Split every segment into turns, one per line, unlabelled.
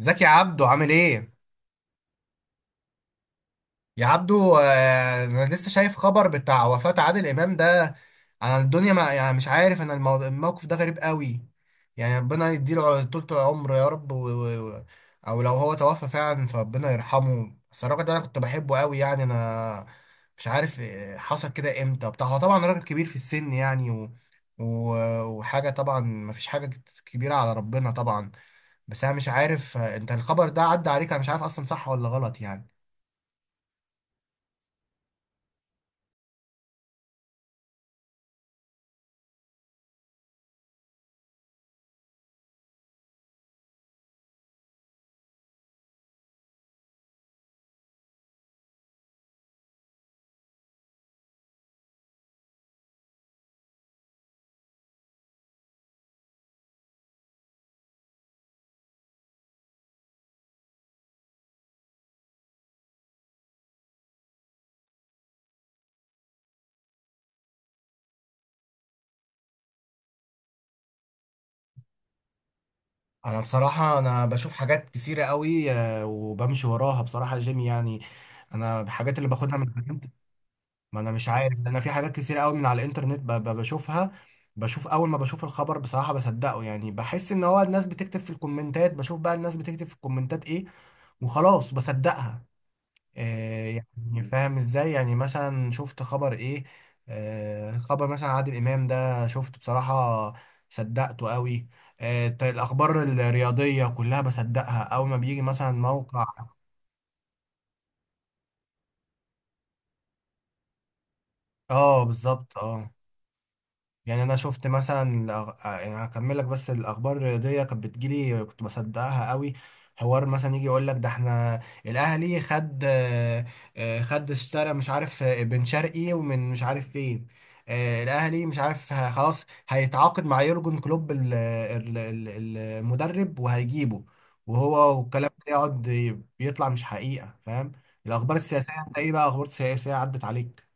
ازيك يا عبدو عامل ايه؟ يا عبدو، انا لسه شايف خبر بتاع وفاة عادل امام ده. انا الدنيا ما يعني مش عارف، انا الموقف ده غريب قوي. يعني ربنا يديله طولة العمر يا رب او لو هو توفى فعلا فربنا يرحمه. بس الراجل ده انا كنت بحبه قوي يعني، انا مش عارف، حصل كده امتى بتاع. هو طبعا راجل كبير في السن يعني. و... وحاجة، طبعا ما فيش حاجة كبيرة على ربنا طبعا. بس انا مش عارف، انت الخبر ده عدى عليك؟ انا مش عارف اصلا صح ولا غلط يعني. انا بصراحة انا بشوف حاجات كتيرة قوي، وبمشي وراها بصراحة جيم يعني. انا الحاجات اللي باخدها من الانترنت. ما انا مش عارف ده، انا في حاجات كتيرة قوي من على الانترنت بشوفها. بشوف، اول ما بشوف الخبر بصراحة بصدقه، يعني بحس ان هو الناس بتكتب في الكومنتات. بشوف بقى الناس بتكتب في الكومنتات ايه وخلاص بصدقها. يعني فاهم ازاي؟ يعني مثلا شفت خبر ايه. خبر مثلا عادل امام ده شفته بصراحة، صدقته قوي. الاخبار الرياضية كلها بصدقها، اول ما بيجي مثلا موقع. اه، بالظبط، اه. يعني انا شفت مثلا الأغ... آه، يعني هكمل لك. بس الاخبار الرياضيه كانت بتجيلي، كنت بصدقها قوي. حوار مثلا يجي يقول لك ده احنا الاهلي خد اشترى، مش عارف، بن شرقي ومن مش عارف فين. الاهلي مش عارف، خلاص هيتعاقد مع يورجن كلوب المدرب وهيجيبه. والكلام ده يقعد بيطلع مش حقيقه، فاهم؟ الاخبار السياسيه انت ايه بقى؟ اخبار سياسيه عدت عليك؟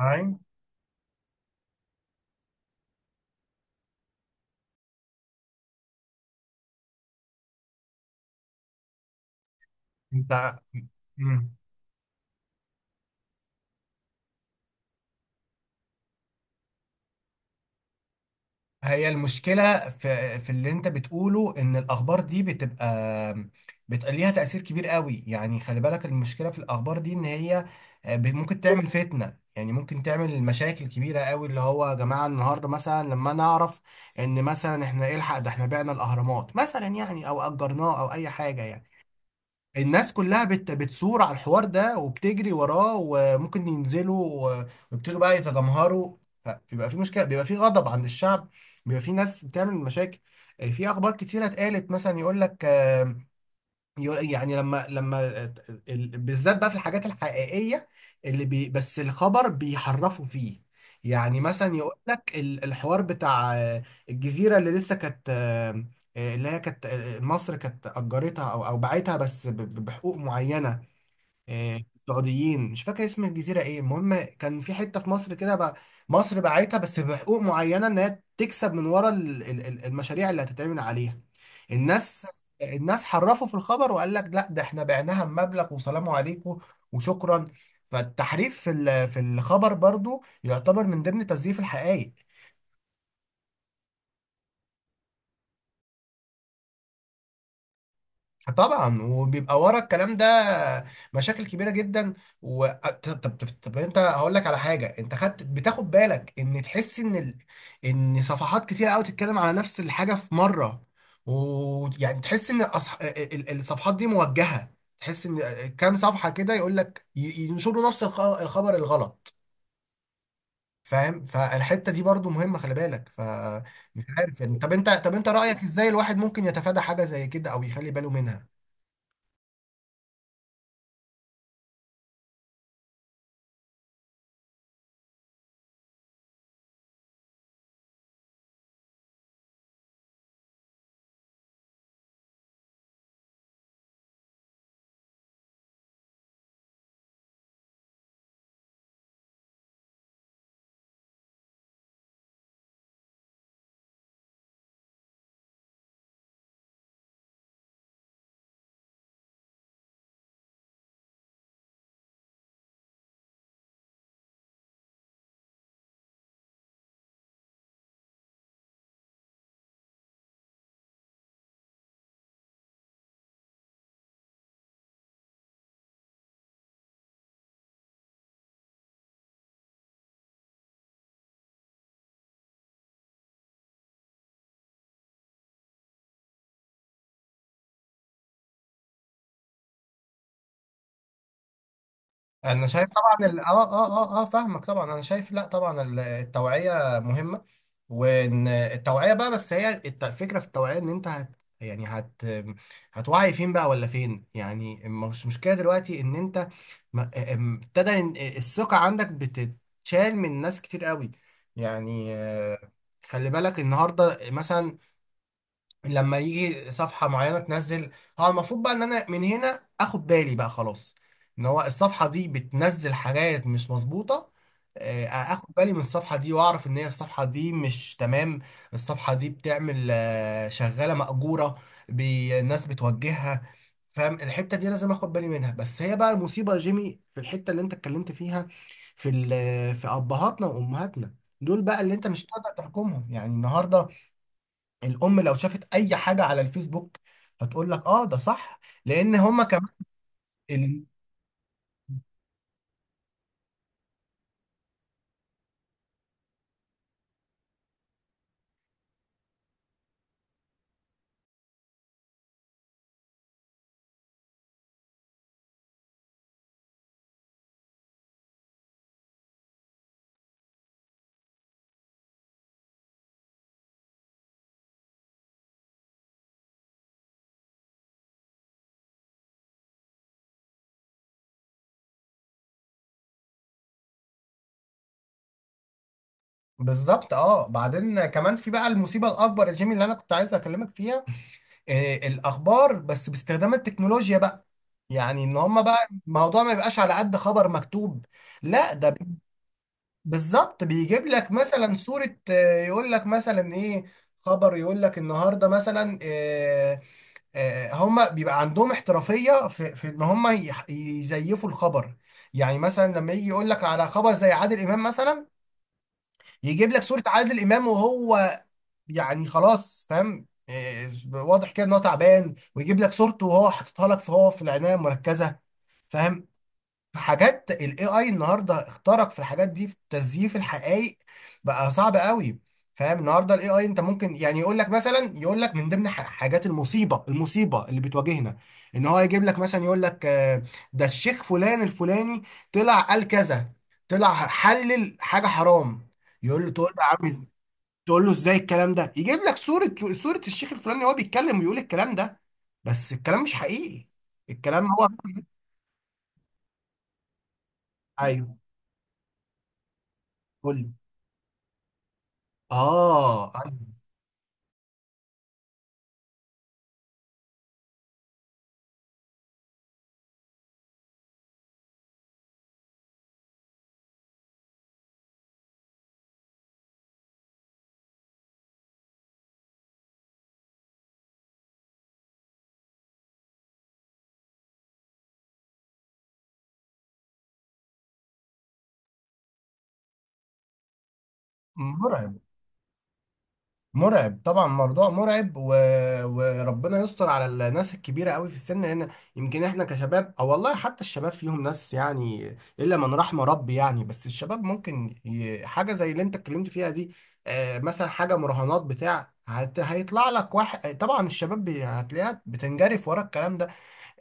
معايا. انت. مم. هي المشكلة في اللي انت بتقوله، ان الاخبار دي بتبقى ليها تأثير كبير قوي، يعني خلي بالك. المشكلة في الاخبار دي ان هي، ممكن تعمل فتنة، يعني ممكن تعمل مشاكل كبيرة قوي، اللي هو يا جماعة النهاردة مثلا لما نعرف ان مثلا احنا الحق ده احنا بعنا الاهرامات مثلا، يعني او اجرناه او اي حاجة يعني. الناس كلها بتصور على الحوار ده وبتجري وراه، وممكن ينزلوا ويبتدوا بقى يتجمهروا، فبيبقى في مشكلة، بيبقى في غضب عند الشعب، بيبقى في ناس بتعمل مشاكل. في أخبار كتيرة اتقالت، مثلا يقول لك، يعني لما بالذات بقى في الحاجات الحقيقية اللي بس الخبر بيحرفوا فيه. يعني مثلا يقول لك الحوار بتاع، الجزيرة اللي لسه كانت، اللي هي كانت، مصر كانت أجرتها أو باعتها، بس بحقوق معينة. سعوديين، مش فاكر اسم الجزيرة ايه، المهم كان في حتة في مصر كده بقى. مصر باعتها بس بحقوق معينة، ان هي تكسب من ورا المشاريع اللي هتتعمل عليها الناس. الناس حرفوا في الخبر وقال لك لا ده احنا بعناها بمبلغ وسلام عليكم وشكرا. فالتحريف في الخبر برضو يعتبر من ضمن تزييف الحقائق. طبعا، وبيبقى ورا الكلام ده مشاكل كبيره جدا. و... طب, طب, طب انت هقول لك على حاجه. انت بتاخد بالك ان تحس ان ان صفحات كتير قوي تتكلم على نفس الحاجه في مره. ويعني تحس ان الصفحات دي موجهه. تحس ان كام صفحه كده يقول لك ينشروا نفس الخبر الغلط، فاهم؟ فالحته دي برضو مهمه، خلي بالك. فمش عارف يعني، طب انت رايك ازاي الواحد ممكن يتفادى حاجه زي كده او يخلي باله منها؟ انا شايف طبعا اه، اه. اه اه فاهمك طبعا، انا شايف لا طبعا التوعيه مهمه. وان التوعيه بقى، بس هي الفكره في التوعيه ان انت هت يعني هت هتوعي فين بقى ولا فين؟ يعني مش مشكله دلوقتي ان انت ابتدى ان الثقه عندك بتتشال من ناس كتير قوي. يعني، خلي بالك النهارده مثلا، لما يجي صفحة معينة تنزل، هو المفروض بقى ان انا من هنا اخد بالي بقى خلاص ان هو الصفحة دي بتنزل حاجات مش مظبوطة. اخد بالي من الصفحة دي واعرف ان هي الصفحة دي مش تمام. الصفحة دي بتعمل آه، شغالة مأجورة، الناس بتوجهها، فاهم؟ الحتة دي لازم اخد بالي منها، بس هي بقى المصيبة يا جيمي في الحتة اللي انت اتكلمت فيها، في ابهاتنا وامهاتنا. دول بقى اللي انت مش هتقدر تحكمهم، يعني النهارده الام لو شافت اي حاجه على الفيسبوك، هتقول لك اه ده صح، لان هما كمان ال... بالظبط اه. بعدين كمان في بقى المصيبه الاكبر يا جيمي اللي انا كنت عايز اكلمك فيها، الاخبار بس باستخدام التكنولوجيا بقى. يعني ان هما بقى الموضوع ما يبقاش على قد خبر مكتوب، لا ده بالظبط، بيجيب لك مثلا صوره، يقول لك مثلا ايه. خبر يقول لك النهارده مثلا، هما بيبقى عندهم احترافية في ان هما يزيفوا الخبر. يعني مثلا لما يجي يقول لك على خبر زي عادل امام مثلا، يجيب لك صورة عادل امام وهو، يعني خلاص فاهم، واضح كده ان هو تعبان، ويجيب لك صورته وهو حاططها لك فهو في العناية المركزة، فاهم؟ في حاجات الاي اي النهارده اخترق في الحاجات دي، في تزييف الحقائق بقى صعب قوي، فاهم؟ النهارده الاي اي انت ممكن يعني يقول لك من ضمن حاجات المصيبه، المصيبه اللي بتواجهنا، ان هو يجيب لك مثلا يقول لك، ده الشيخ فلان الفلاني طلع قال كذا، طلع حلل حاجه حرام. يقول له تقول له يا عم تقول له ازاي الكلام ده؟ يجيب لك صوره الشيخ الفلاني وهو بيتكلم ويقول الكلام ده، بس الكلام مش حقيقي. الكلام هو، ايوه قول لي. اه، أيوة. مرعب. مرعب طبعا، موضوع مرعب. وربنا يستر على الناس الكبيره قوي في السن هنا. يمكن احنا كشباب، او والله حتى الشباب فيهم ناس يعني الا من رحم ربي يعني، بس الشباب ممكن حاجه زي اللي انت اتكلمت فيها دي. مثلا حاجه مراهنات بتاع، هيطلع لك واحد، طبعا الشباب هتلاقيها بتنجرف ورا الكلام ده.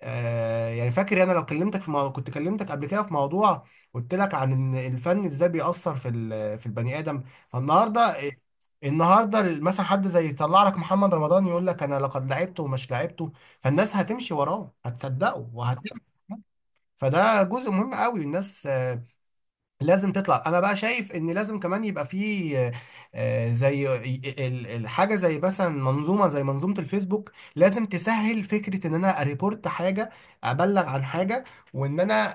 يعني فاكر، انا لو كلمتك في موضوع كنت كلمتك قبل كده في موضوع، قلت لك عن ان الفن ازاي بيأثر في البني ادم. فالنهارده، النهارده مثلا حد زي يطلع لك محمد رمضان يقول لك انا لقد لعبته ومش لعبته، فالناس هتمشي وراه هتصدقه فده جزء مهم قوي. الناس لازم تطلع. انا بقى شايف ان لازم كمان يبقى فيه، زي الحاجه زي مثلا منظومه زي منظومه الفيسبوك، لازم تسهل فكره ان انا اريبورت حاجه، ابلغ عن حاجه. وان انا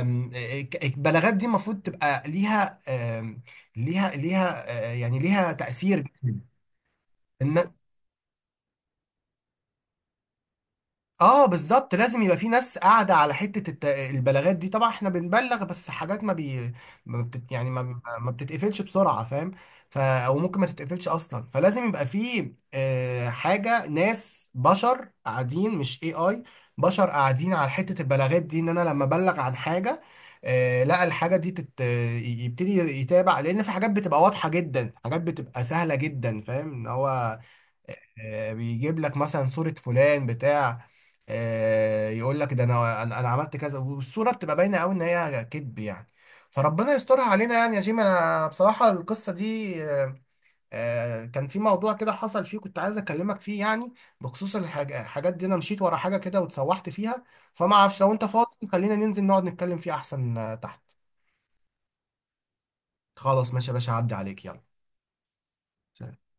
البلاغات دي المفروض تبقى ليها، آم، ليها يعني ليها تاثير جداً. إن- اه بالظبط، لازم يبقى في ناس قاعده على حته البلاغات دي. طبعا احنا بنبلغ، بس حاجات ما بي ما بتت يعني ما بتتقفلش بسرعه، فاهم؟ ف او ممكن ما تتقفلش اصلا، فلازم يبقى في حاجه، ناس بشر قاعدين، مش اي اي، بشر قاعدين على حته البلاغات دي. ان انا لما ابلغ عن حاجه، لا الحاجه دي يبتدي يتابع، لان في حاجات بتبقى واضحه جدا، حاجات بتبقى سهله جدا، فاهم ان هو، آه، بيجيب لك مثلا صورة فلان بتاع، يقول لك ده انا انا أنا عملت كذا، والصوره بتبقى باينه قوي ان هي كذب يعني. فربنا يسترها علينا يعني، يا جيم انا بصراحه القصه دي، كان في موضوع كده حصل فيه كنت عايز اكلمك فيه يعني، بخصوص الحاجات دي. انا مشيت ورا حاجه كده واتسوحت فيها. فما اعرفش، لو انت فاضي خلينا ننزل نقعد نتكلم فيه احسن، تحت. خلاص ماشي يا باشا، عدي عليك يلا. سلام.